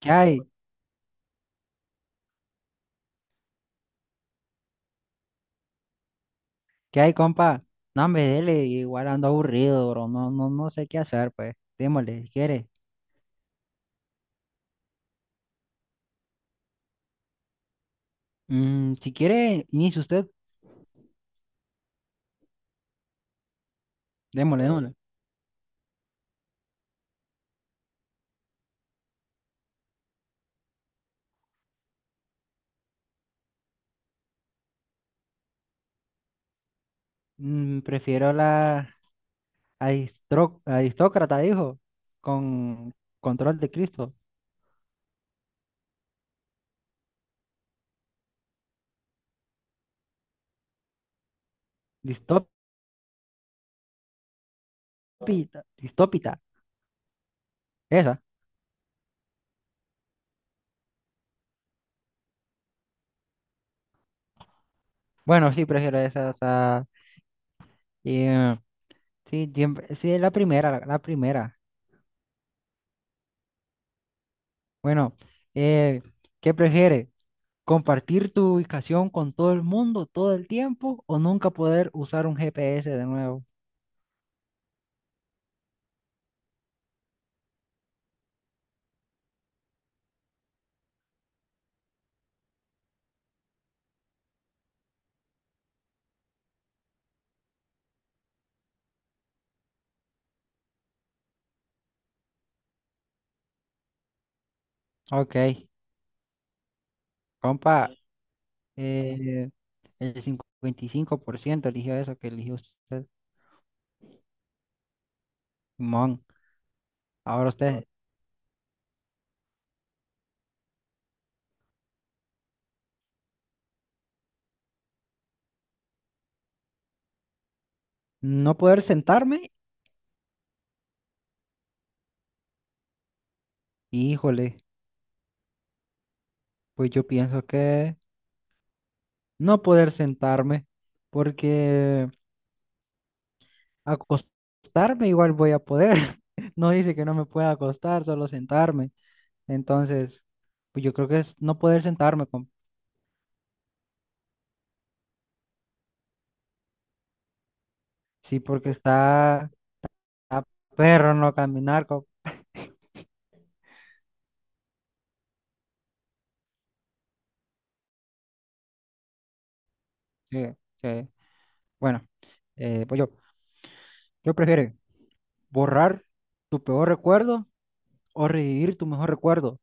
¿Qué hay? ¿Qué hay, compa? No, hombre, dele, igual ando aburrido, bro. No, no, no sé qué hacer, pues. Démosle, si quiere. Si quiere, inicie usted. Démosle, démosle. Prefiero la aristócrata, dijo, con control de Cristo. Distópita, distópita, esa. Bueno, sí, prefiero esa, o sea, eh, sí, siempre, sí, la primera, la primera. Bueno, eh, ¿qué prefiere? Compartir tu ubicación con todo el mundo todo el tiempo o nunca poder usar un GPS de nuevo. Ok, compa, eh, el 55% eligió eso que eligió usted, Simón. Ahora usted, no poder sentarme, híjole, pues yo pienso que no poder sentarme, porque acostarme igual voy a poder. No dice que no me pueda acostar, solo sentarme. Entonces, pues yo creo que es no poder sentarme, compa. Sí, porque está perro no caminar. Sí, sí. Bueno, pues yo prefiero borrar tu peor recuerdo o revivir tu mejor recuerdo.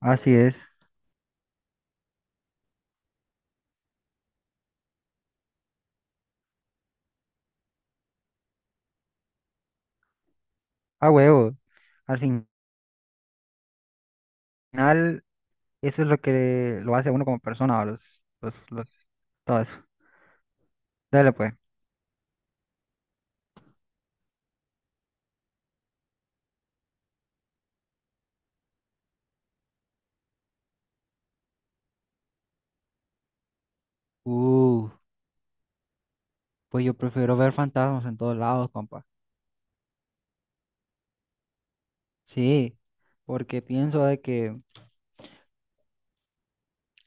Así es, a huevo. Al final, eso es lo que lo hace a uno como persona, ¿va? Los, los, Todo eso. Dale, pues. Uh, pues yo prefiero ver fantasmas en todos lados, compa. Sí, porque pienso de que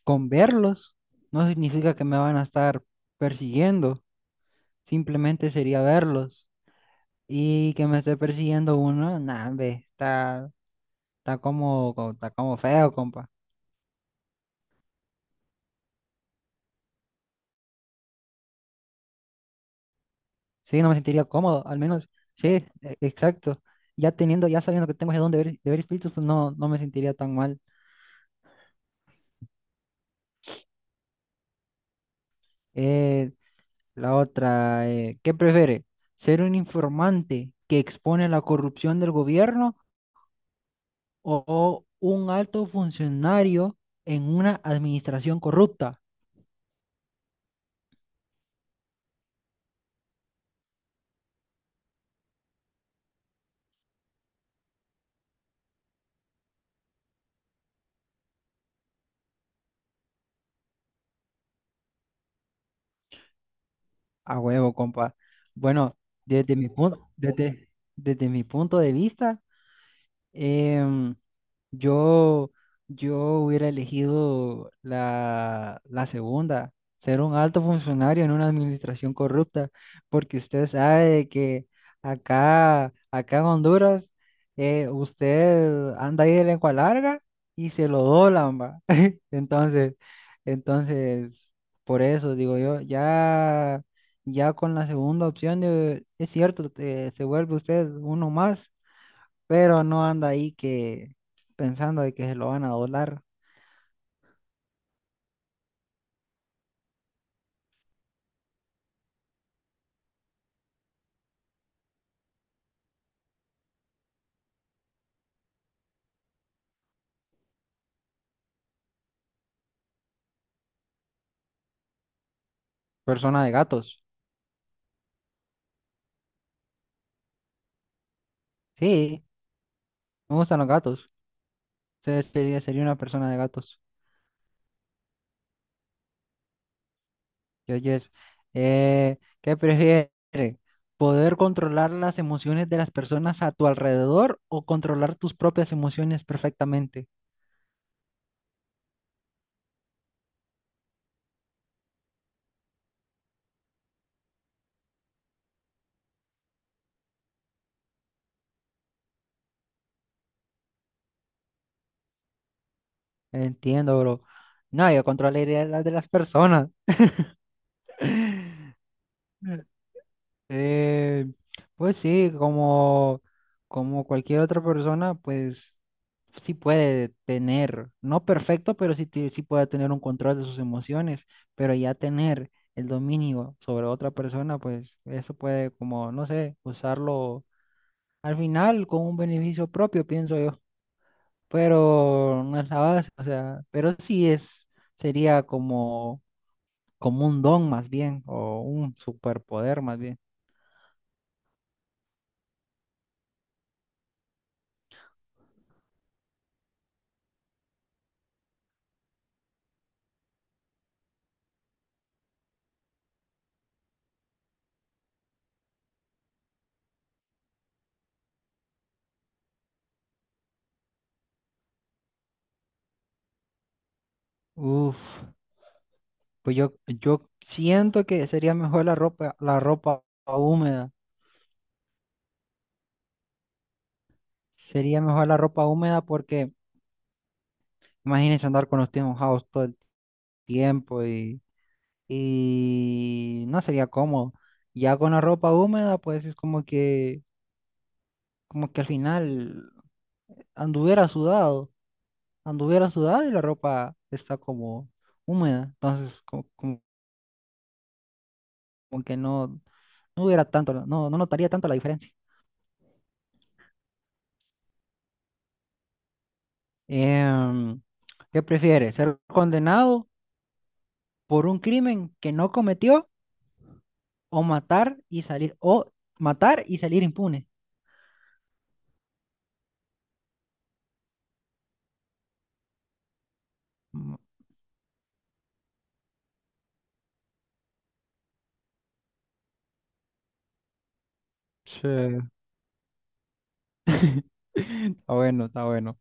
con verlos no significa que me van a estar persiguiendo. Simplemente sería verlos. Y que me esté persiguiendo uno, nah, hombre, está como feo, compa. Sí, no me sentiría cómodo, al menos. Sí, exacto. Ya sabiendo que tengo de dónde ver, de ver espíritus, pues no, no me sentiría tan mal. Eh, la otra, ¿qué prefiere? ¿Ser un informante que expone la corrupción del gobierno o un alto funcionario en una administración corrupta? A huevo, compa. Bueno, desde mi punto, desde, desde mi punto de vista, em, yo, yo hubiera elegido la segunda, ser un alto funcionario en una administración corrupta, porque usted sabe que acá, acá en Honduras, usted anda ahí de lengua larga y se lo doblan, va. Entonces, entonces, por eso digo yo, ya, ya con la segunda opción, es cierto, se vuelve usted uno más pero no anda ahí que pensando de que se lo van a doblar. Persona de gatos. Sí, me gustan los gatos. Sería una persona de gatos. Yo, yes. ¿Qué prefiere? ¿Poder controlar las emociones de las personas a tu alrededor o controlar tus propias emociones perfectamente? Entiendo, bro. No, yo controlaría las de las personas. Eh, pues sí, como cualquier otra persona, pues sí puede tener, no perfecto, pero sí, sí puede tener un control de sus emociones, pero ya tener el dominio sobre otra persona, pues eso puede como, no sé, usarlo al final con un beneficio propio, pienso yo, pero no es la base, o sea, pero sí es, sería como un don más bien, o un superpoder más bien. Uf, pues yo siento que sería mejor la ropa, húmeda. Sería mejor la ropa húmeda porque imagínense andar con los pies mojados todo el tiempo y no sería cómodo. Ya con la ropa húmeda, pues es como que al final anduviera sudado, anduviera sudado y la ropa está como húmeda. Entonces, como que no, no hubiera tanto, no, no notaría tanto la diferencia. Em, ¿Qué prefieres? ¿Ser condenado por un crimen que no cometió o matar y salir impune? Mm, sí, está bueno, está bueno.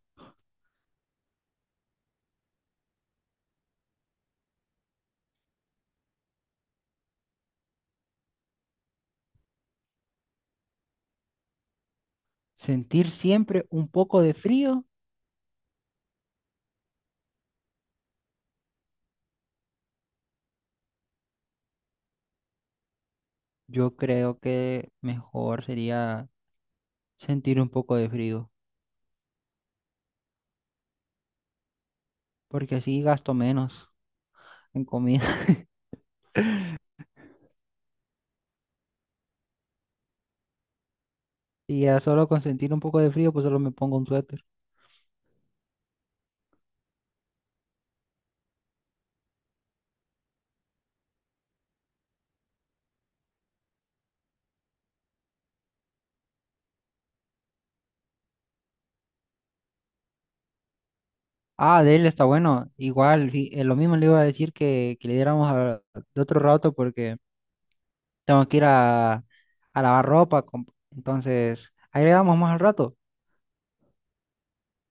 ¿Sentir siempre un poco de frío? Yo creo que mejor sería sentir un poco de frío, porque así gasto menos en comida. Y ya solo con sentir un poco de frío, pues solo me pongo un suéter. Ah, de él está bueno. Igual, lo mismo le iba a decir que, le diéramos de otro rato porque. Tengo que ir a lavar ropa. Entonces, ahí le damos más al rato.